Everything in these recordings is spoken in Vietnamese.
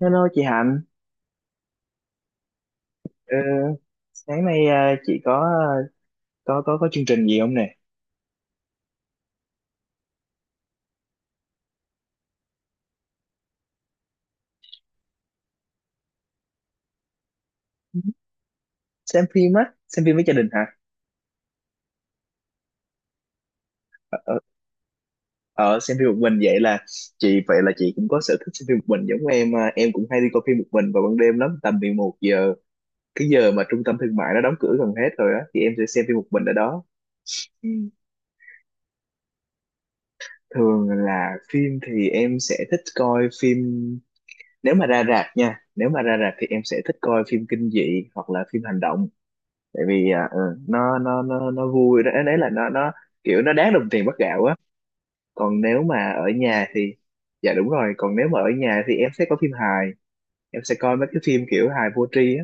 Hello chị Hạnh. Ờ, Sáng nay à, chị có chương trình gì không nè? Xem phim á, xem phim với gia đình hả? Ở, ở, Ở xem phim một mình vậy là chị cũng có sở thích xem phim một mình giống em, à. Em cũng hay đi coi phim một mình vào ban đêm lắm, tầm 11 giờ, cái giờ mà trung tâm thương mại nó đóng cửa gần hết rồi á, thì em sẽ xem phim một mình ở đó. Ừ. Thường là phim thì em sẽ thích coi phim, nếu mà ra rạp nha, nếu mà ra rạp thì em sẽ thích coi phim kinh dị hoặc là phim hành động. Tại vì nó vui đó, đấy là nó kiểu nó đáng đồng tiền bắt gạo á. Còn nếu mà ở nhà thì dạ đúng rồi, còn nếu mà ở nhà thì em sẽ có phim hài, em sẽ coi mấy cái phim kiểu hài vô tri á.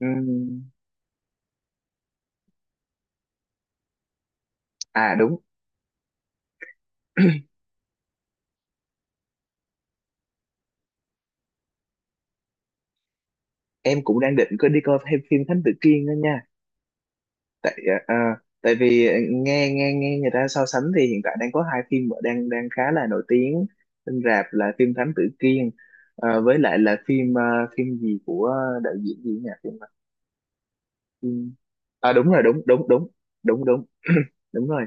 Ừm. À đúng, em cũng đang định cứ đi coi thêm phim Thánh Tử Kiên đó nha. Tại à, à, tại vì à, nghe nghe nghe người ta so sánh thì hiện tại đang có hai phim mà đang đang khá là nổi tiếng trên rạp là phim Thánh Tử Kiên, với lại là phim phim gì của đạo diễn gì nhỉ, phim à. Ừ. À đúng rồi, đúng, đúng, đúng, đúng, đúng. Đúng rồi.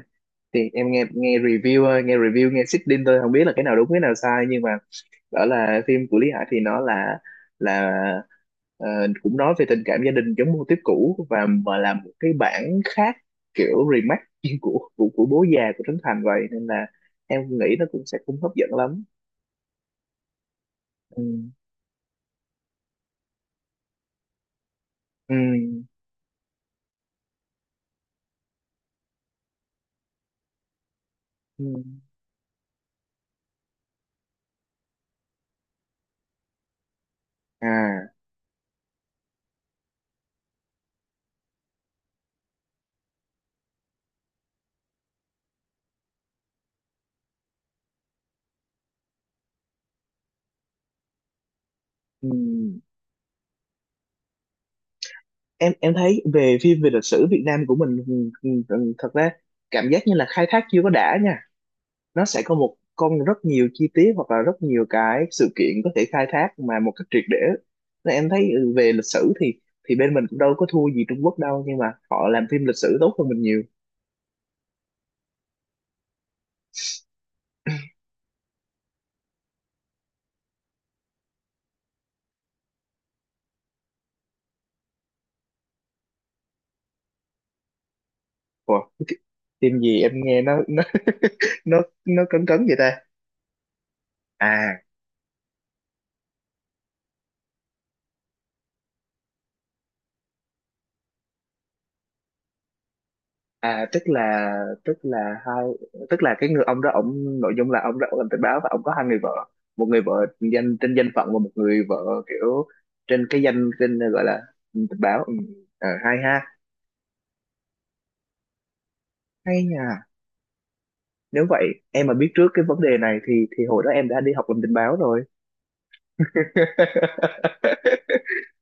Thì em nghe nghe review thôi, nghe review, nghe sitting thôi, không biết là cái nào đúng cái nào sai, nhưng mà đó là phim của Lý Hải thì nó là ờ, cũng nói về tình cảm gia đình, giống mô típ cũ và mà làm một cái bản khác, kiểu remake của bố già của Trấn Thành, vậy nên là em nghĩ nó cũng sẽ cũng hấp dẫn lắm. Ừ. Ừ. Ừ. À, ừ. Em thấy về phim về lịch sử Việt Nam của mình thật ra cảm giác như là khai thác chưa có đã nha, nó sẽ có một con rất nhiều chi tiết hoặc là rất nhiều cái sự kiện có thể khai thác mà một cách triệt để, nên em thấy ừ, về lịch sử thì bên mình cũng đâu có thua gì Trung Quốc đâu, nhưng mà họ làm phim lịch sử tốt hơn mình nhiều. Ủa, cái phim gì em nghe nó nó nó cấn cấn vậy ta? À à tức là hai Tức là cái người ông đó, ông nội dung là ông đó, ông làm tình báo và ông có hai người vợ, một người vợ danh trên danh phận và một người vợ kiểu trên cái danh trên gọi là tình báo. Ừ. Ờ, hay ha. Hay nha. Nếu vậy em mà biết trước cái vấn đề này thì hồi đó em đã đi học làm tình báo rồi.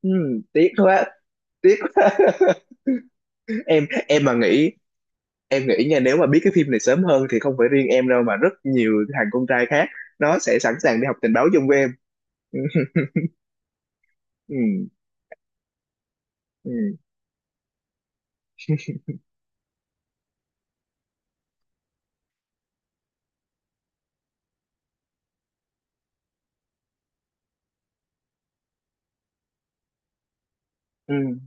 Ừ, tiếc quá, tiếc quá. Em mà nghĩ em nghĩ nha, nếu mà biết cái phim này sớm hơn thì không phải riêng em đâu mà rất nhiều thằng con trai khác nó sẽ sẵn sàng đi học tình báo chung với em. Ừ, ừ, ừ, ừ.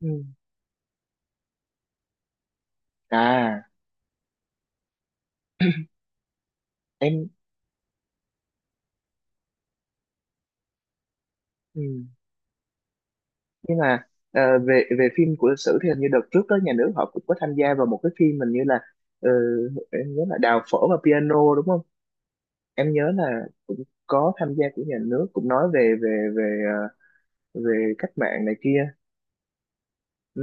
Ừ. À, em, ừ. Nhưng mà về về phim của lịch sử thì hình như đợt trước đó nhà nước họ cũng có tham gia vào một cái phim mình như là ờ, em nhớ là đào phở và piano đúng không, em nhớ là cũng có tham gia của nhà nước, cũng nói về về về về cách mạng này kia. Ừ.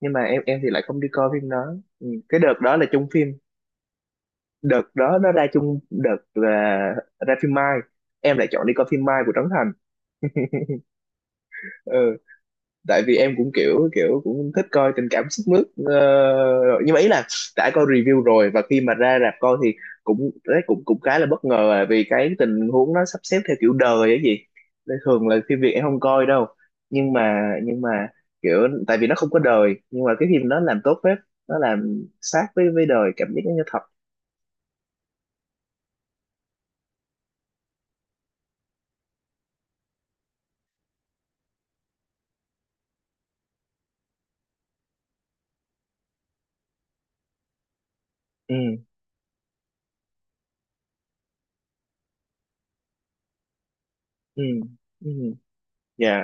Nhưng mà em thì lại không đi coi phim đó. Ừ. Cái đợt đó là chung phim, đợt đó nó ra chung đợt là ra phim Mai, em lại chọn đi coi phim Mai của Trấn Thành. Ừ. Tại vì em cũng kiểu kiểu cũng thích coi tình cảm sức mướt, rồi. Nhưng mà ý là đã coi review rồi, và khi mà ra rạp coi thì cũng đấy cũng cũng khá là bất ngờ à, vì cái tình huống nó sắp xếp theo kiểu đời ấy gì. Nên thường là phim Việt em không coi đâu, nhưng mà kiểu tại vì nó không có đời nhưng mà cái phim nó làm tốt phết, nó làm sát với đời, cảm giác nó như thật. Ừ. Ừ. Ừ. Dạ.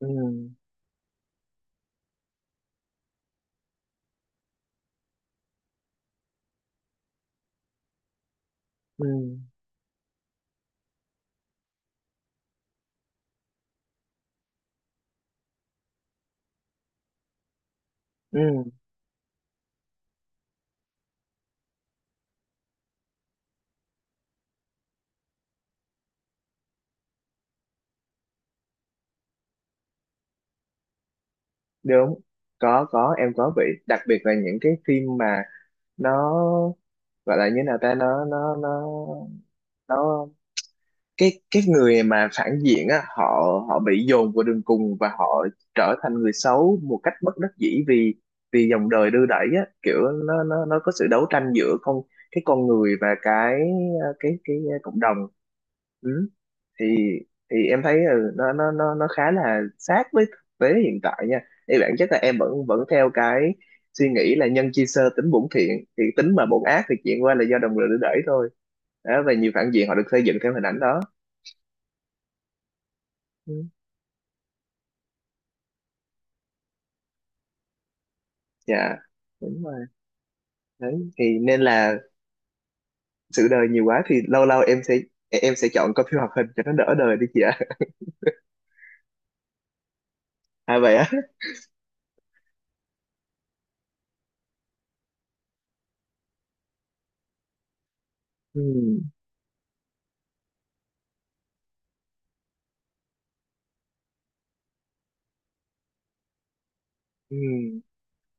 Ừ. Ừ. Ừ. Đúng. Có, em có bị, đặc biệt là những cái phim mà nó gọi là như nào ta, nó cái người mà phản diện á, họ họ bị dồn vào đường cùng và họ trở thành người xấu một cách bất đắc dĩ, vì vì dòng đời đưa đẩy á, kiểu nó có sự đấu tranh giữa con cái con người và cái cộng đồng. Ừ. thì thì em thấy ừ, nó khá là sát với thực tế hiện tại nha, thì bản chất là em vẫn vẫn theo cái suy nghĩ là nhân chi sơ tính bổn thiện, thì tính mà bổn ác thì chuyện qua là do đồng lửa đẩy thôi, đó, và nhiều phản diện họ được xây dựng theo hình ảnh đó. Ừ. Dạ, đúng rồi. Đấy thì nên là sự đời nhiều quá thì lâu lâu em sẽ chọn coi phim hoạt hình cho nó đỡ đời đi chị ạ. À vậy á. Ừ. Ừ.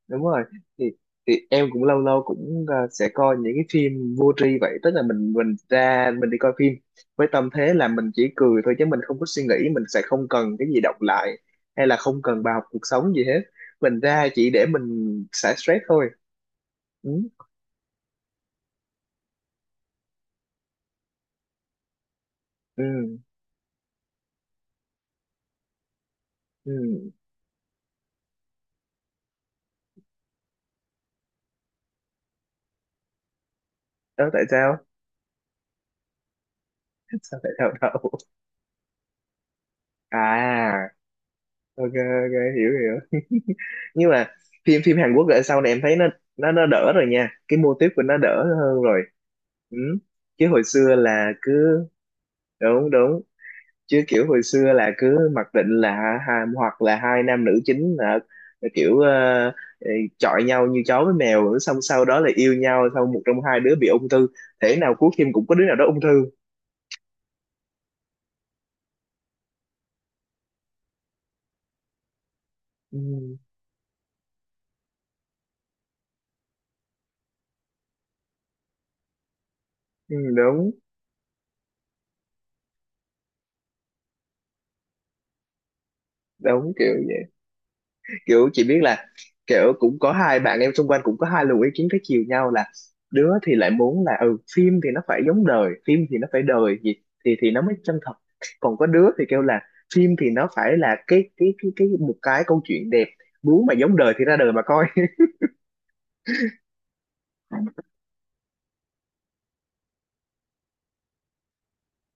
Đúng rồi. Thì thì em cũng lâu lâu cũng sẽ coi những cái phim vô tri vậy, tức là mình ra mình đi coi phim với tâm thế là mình chỉ cười thôi chứ mình không có suy nghĩ, mình sẽ không cần cái gì đọc lại hay là không cần bài học cuộc sống gì hết, mình ra chỉ để mình xả stress thôi. Ừ. Ừ. Ừ. Đó, tại sao Sao lại đau đầu? À ok, ok, hiểu, hiểu. Nhưng mà phim phim Hàn Quốc ở sau này em thấy nó đỡ rồi nha, cái mô típ của nó đỡ hơn rồi. Ừ. Chứ hồi xưa là cứ, đúng, đúng. Chứ kiểu hồi xưa là cứ mặc định là ha, hoặc là hai nam nữ chính là kiểu ờ, chọi nhau như chó với mèo, xong sau đó là yêu nhau, xong một trong hai đứa bị ung thư, thể nào cuối phim cũng có đứa nào đó ung thư. Ừ, ừ, đúng, đúng, kiểu kiểu chị biết là, kiểu cũng có hai bạn em xung quanh cũng có hai luồng ý kiến trái chiều nhau là, đứa thì lại muốn là ừ phim thì nó phải giống đời, phim thì nó phải đời gì thì nó mới chân thật, còn có đứa thì kêu là phim thì nó phải là cái một cái câu chuyện đẹp, muốn mà giống đời thì ra đời mà coi.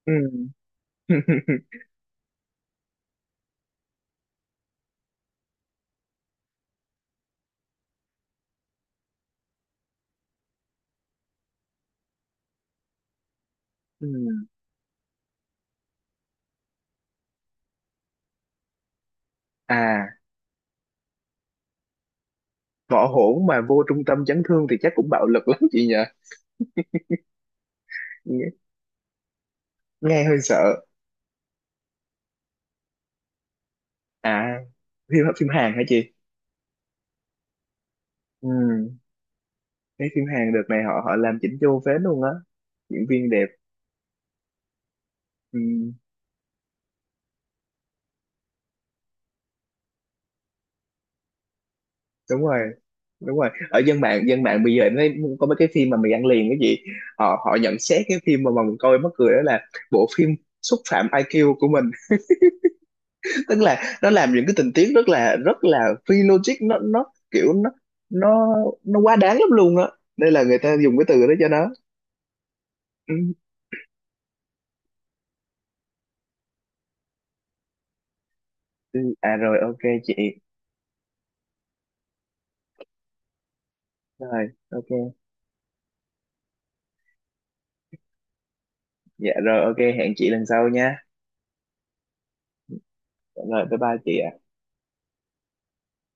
Ừ. Ừ. À võ hổn mà vô trung tâm chấn thương thì chắc cũng bạo lực lắm chị nhỉ. nghe, Nghe hơi sợ. À phim phim Hàn hả chị? Ừ. Cái phim Hàn đợt này họ họ làm chỉnh chu phết luôn á. Diễn viên đẹp. Ừ, đúng rồi. Đúng rồi. Ở dân mạng bây giờ nó có mấy cái phim mà mình ăn liền cái gì. Họ Họ nhận xét cái phim mà mình coi mắc cười đó là bộ phim xúc phạm IQ của mình. Tức là nó làm những cái tình tiết rất là phi logic, nó kiểu nó nó quá đáng lắm luôn á. Nên là người ta dùng cái từ đó cho nó. Ừ. Ừ. À rồi ok chị. Rồi ok. Dạ rồi ok hẹn chị lần sau nha. Dạ rồi bye bye chị ạ.